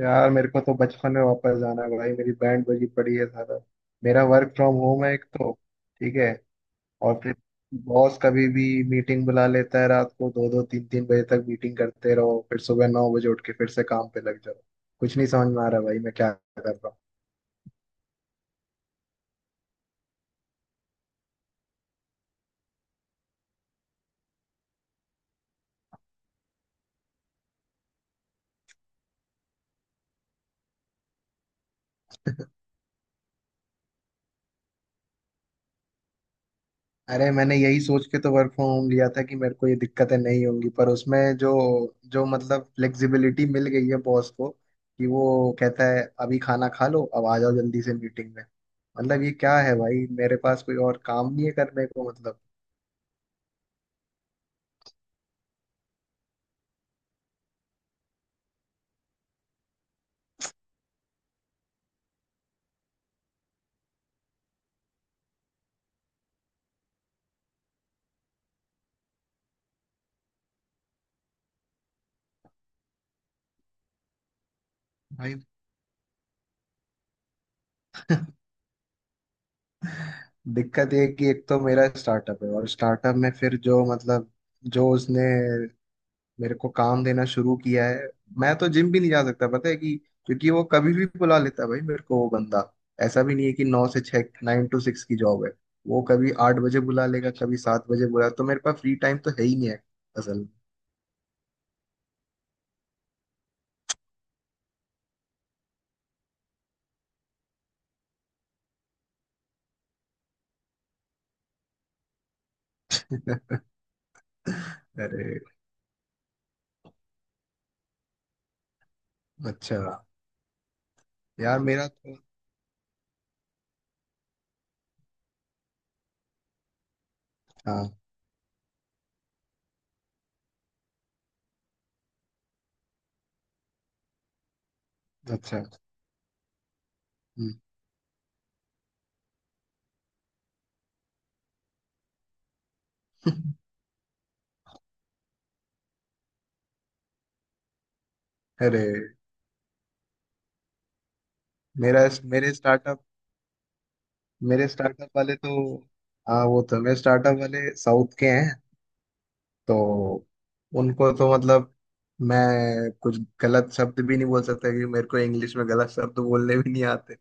यार मेरे को तो बचपन में वापस जाना है भाई। मेरी बैंड बजी पड़ी है। सारा मेरा वर्क फ्रॉम होम है एक तो। ठीक है। और फिर बॉस कभी भी मीटिंग बुला लेता है। रात को 2, 2-3, 3 बजे तक मीटिंग करते रहो, फिर सुबह 9 बजे उठ के फिर से काम पे लग जाओ। कुछ नहीं समझ में आ रहा भाई मैं क्या कर रहा हूँ। अरे मैंने यही सोच के तो वर्क फ्रॉम होम लिया था कि मेरे को ये दिक्कतें नहीं होंगी, पर उसमें जो जो मतलब फ्लेक्सिबिलिटी मिल गई है बॉस को कि वो कहता है अभी खाना खा लो, अब आ जाओ जल्दी से मीटिंग में। मतलब ये क्या है भाई, मेरे पास कोई और काम नहीं है करने को मतलब। भाई दिक्कत ये है कि एक तो मेरा स्टार्टअप है, और स्टार्टअप में फिर जो मतलब जो उसने मेरे को काम देना शुरू किया है। मैं तो जिम भी नहीं जा सकता, पता है कि, क्योंकि वो कभी भी बुला लेता है भाई मेरे को वो बंदा। ऐसा भी नहीं है कि 9 से 6 9 to 6 की जॉब है। वो कभी 8 बजे बुला लेगा, कभी 7 बजे बुला, तो मेरे पास फ्री टाइम तो है ही नहीं है असल में। अरे, अच्छा। यार मेरा तो। हाँ। अच्छा। हम्म। अरे मेरा मेरे स्टार्टअप मेरे स्टार्टअप वाले तो। हाँ, वो तो मेरे स्टार्टअप वाले साउथ के हैं। तो उनको तो मतलब मैं कुछ गलत शब्द भी नहीं बोल सकता क्योंकि मेरे को इंग्लिश में गलत शब्द बोलने भी नहीं आते।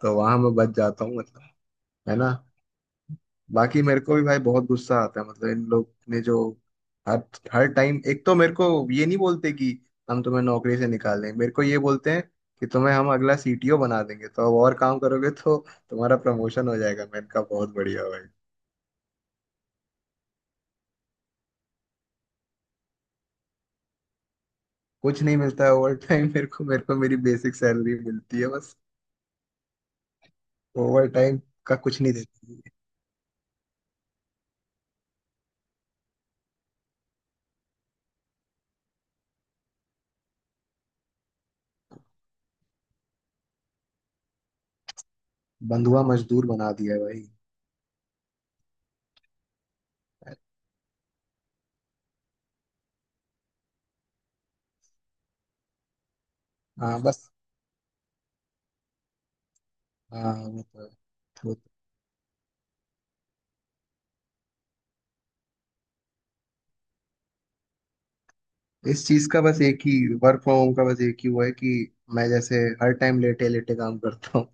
तो वहां मैं बच जाता हूँ मतलब, है ना। बाकी मेरे को भी भाई बहुत गुस्सा आता है, मतलब इन लोग ने जो हर हर टाइम एक तो मेरे को ये नहीं बोलते कि हम तुम्हें नौकरी से निकाल देंगे, मेरे को ये बोलते हैं कि तुम्हें हम अगला CTO बना देंगे, तो अब और काम करोगे तो तुम्हारा प्रमोशन हो जाएगा। मैंने कहा बहुत बढ़िया भाई। कुछ नहीं मिलता है ओवर टाइम। मेरे को मेरी बेसिक सैलरी मिलती है, ओवर टाइम का कुछ नहीं देती है। बंधुआ मजदूर बना दिया है भाई। हाँ बस। हाँ वो तो है। वो तो इस चीज का बस एक ही, वर्क फ्रॉम होम का बस एक ही वो है कि मैं जैसे हर टाइम लेटे लेटे काम करता हूँ।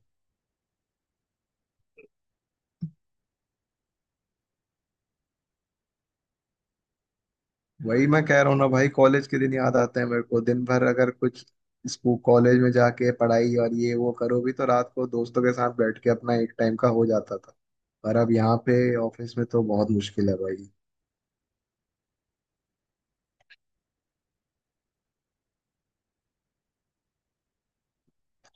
वही मैं कह रहा हूँ ना भाई, कॉलेज के दिन याद आते हैं मेरे को। दिन भर अगर कुछ स्कूल कॉलेज में जाके पढ़ाई और ये वो करो भी, तो रात को दोस्तों के साथ बैठ के अपना एक टाइम का हो जाता था। पर अब यहाँ पे ऑफिस में तो बहुत मुश्किल है भाई।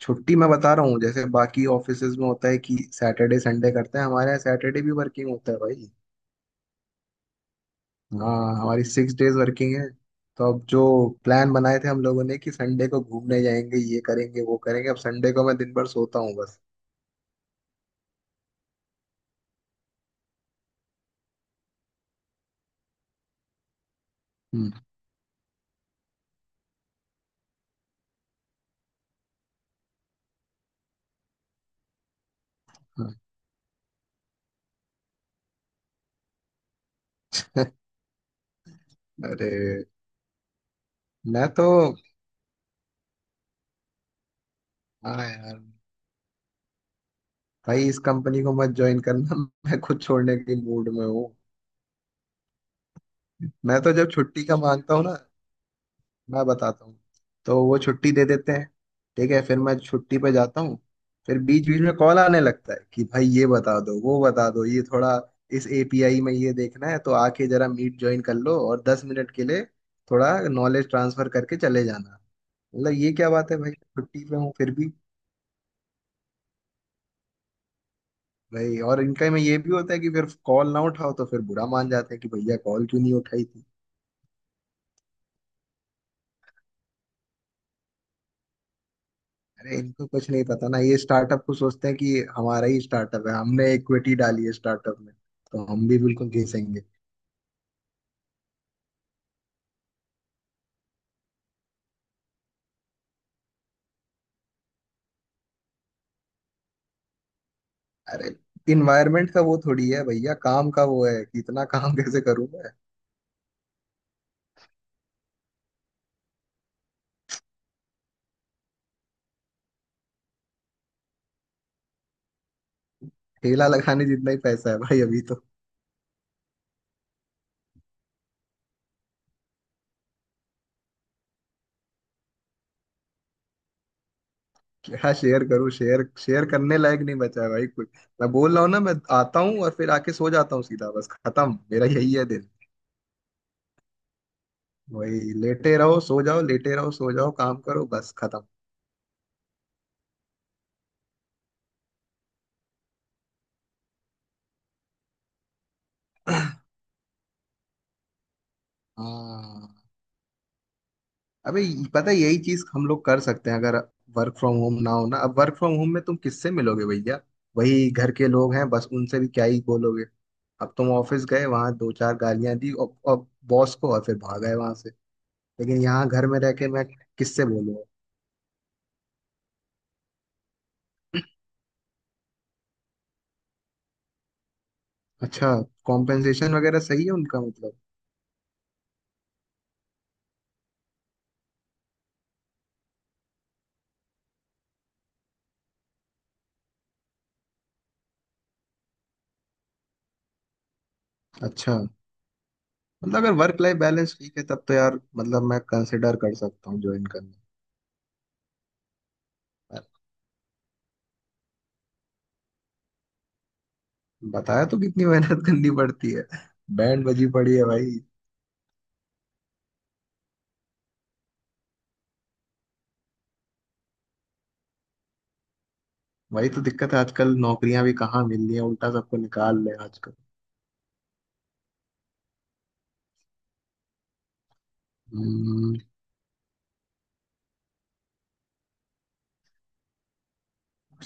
छुट्टी मैं बता रहा हूँ, जैसे बाकी ऑफिसेज में होता है कि सैटरडे संडे करते हैं, हमारे यहाँ सैटरडे भी वर्किंग होता है भाई। हाँ, हमारी 6 days वर्किंग है। तो अब जो प्लान बनाए थे हम लोगों ने कि संडे को घूमने जाएंगे, ये करेंगे वो करेंगे, अब संडे को मैं दिन भर सोता हूँ बस। हम्म। हाँ। अरे। मैं तो। हाँ यार भाई, इस कंपनी को मत ज्वाइन करना, मैं खुद छोड़ने के मूड में हूँ। मैं तो जब छुट्टी का मांगता हूँ ना, मैं बताता हूँ, तो वो छुट्टी दे देते हैं। ठीक है, फिर मैं छुट्टी पे जाता हूँ। फिर बीच बीच में कॉल आने लगता है कि भाई ये बता दो वो बता दो, ये थोड़ा इस API में ये देखना है, तो आके जरा मीट ज्वाइन कर लो और 10 मिनट के लिए थोड़ा नॉलेज ट्रांसफर करके चले जाना। मतलब ये क्या बात है भाई, छुट्टी पे हूँ फिर भी। भाई और इनका में ये भी होता है कि फिर कॉल ना उठाओ तो फिर बुरा मान जाते हैं कि भैया कॉल क्यों नहीं उठाई। अरे इनको कुछ नहीं पता ना, ये स्टार्टअप को सोचते हैं कि हमारा ही स्टार्टअप है, हमने इक्विटी डाली है स्टार्टअप में, तो हम भी बिल्कुल घिसेंगे। अरे इन्वायरमेंट का वो थोड़ी है भैया, काम का वो है कि इतना काम कैसे करूं मैं। ठेला लगाने जितना ही पैसा है भाई अभी तो। क्या शेयर करूं, शेयर शेयर करने लायक नहीं बचा है भाई कुछ। मैं बोल रहा हूँ ना, मैं आता हूँ और फिर आके सो जाता हूँ सीधा बस, खत्म। मेरा यही है दिन, वही लेटे रहो सो जाओ, लेटे रहो सो जाओ, काम करो, बस खत्म। हाँ। पता है, यही चीज हम लोग कर सकते हैं अगर वर्क फ्रॉम होम ना हो ना। अब वर्क फ्रॉम होम में तुम किससे मिलोगे भैया, वही घर के लोग हैं बस, उनसे भी क्या ही बोलोगे। अब तुम ऑफिस गए, वहां दो चार गालियां दी और बॉस को, और फिर भाग गए वहां से। लेकिन यहाँ घर में रह के मैं किससे बोलूँ। अच्छा, कॉम्पेंसेशन वगैरह सही है उनका मतलब? अच्छा, मतलब अगर वर्क लाइफ बैलेंस ठीक है तब तो यार, मतलब मैं कंसिडर कर सकता हूँ ज्वाइन करना। बताया तो, कितनी मेहनत करनी पड़ती है, बैंड बजी पड़ी है भाई। वही तो दिक्कत है, आजकल नौकरियां भी कहाँ मिल रही हैं, उल्टा सबको निकाल रहे हैं आजकल। हम्म,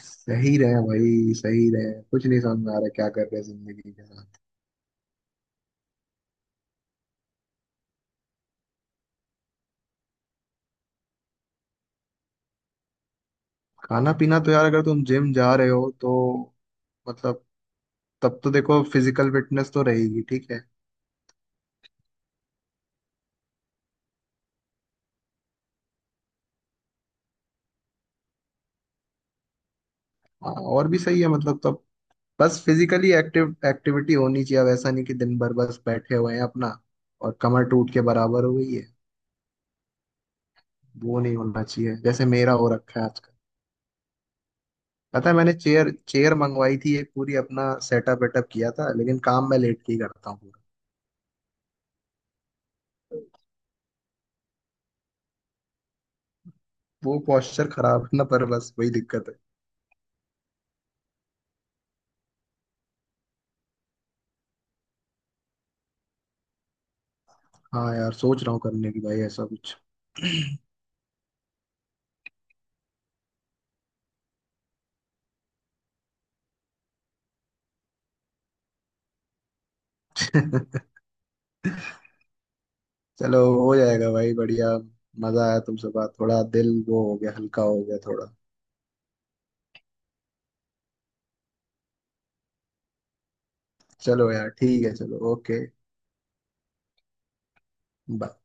सही रहे भाई सही रहे, कुछ नहीं समझ में आ रहा क्या कर रहे हैं जिंदगी के साथ। खाना पीना तो यार, अगर तुम जिम जा रहे हो तो मतलब, तब तो देखो फिजिकल फिटनेस तो रहेगी ठीक है। हाँ, और भी सही है मतलब, तब बस फिजिकली एक्टिव एक्टिविटी होनी चाहिए। अब ऐसा नहीं कि दिन भर बस बैठे हुए हैं अपना, और कमर टूट के बराबर हो गई है। वो नहीं होना चाहिए जैसे मेरा हो रखा है। पता है मैंने चेयर चेयर मंगवाई थी एक पूरी, अपना सेटअप वेटअप किया था, लेकिन काम मैं लेट के ही करता हूँ पूरा। वो posture खराब है ना, पर बस वही दिक्कत है। हाँ यार सोच रहा हूँ करने की भाई ऐसा कुछ। चलो हो जाएगा भाई, बढ़िया। मजा आया तुमसे बात, थोड़ा दिल वो हो गया, हल्का हो गया थोड़ा। चलो यार ठीक है, चलो ओके, बाय।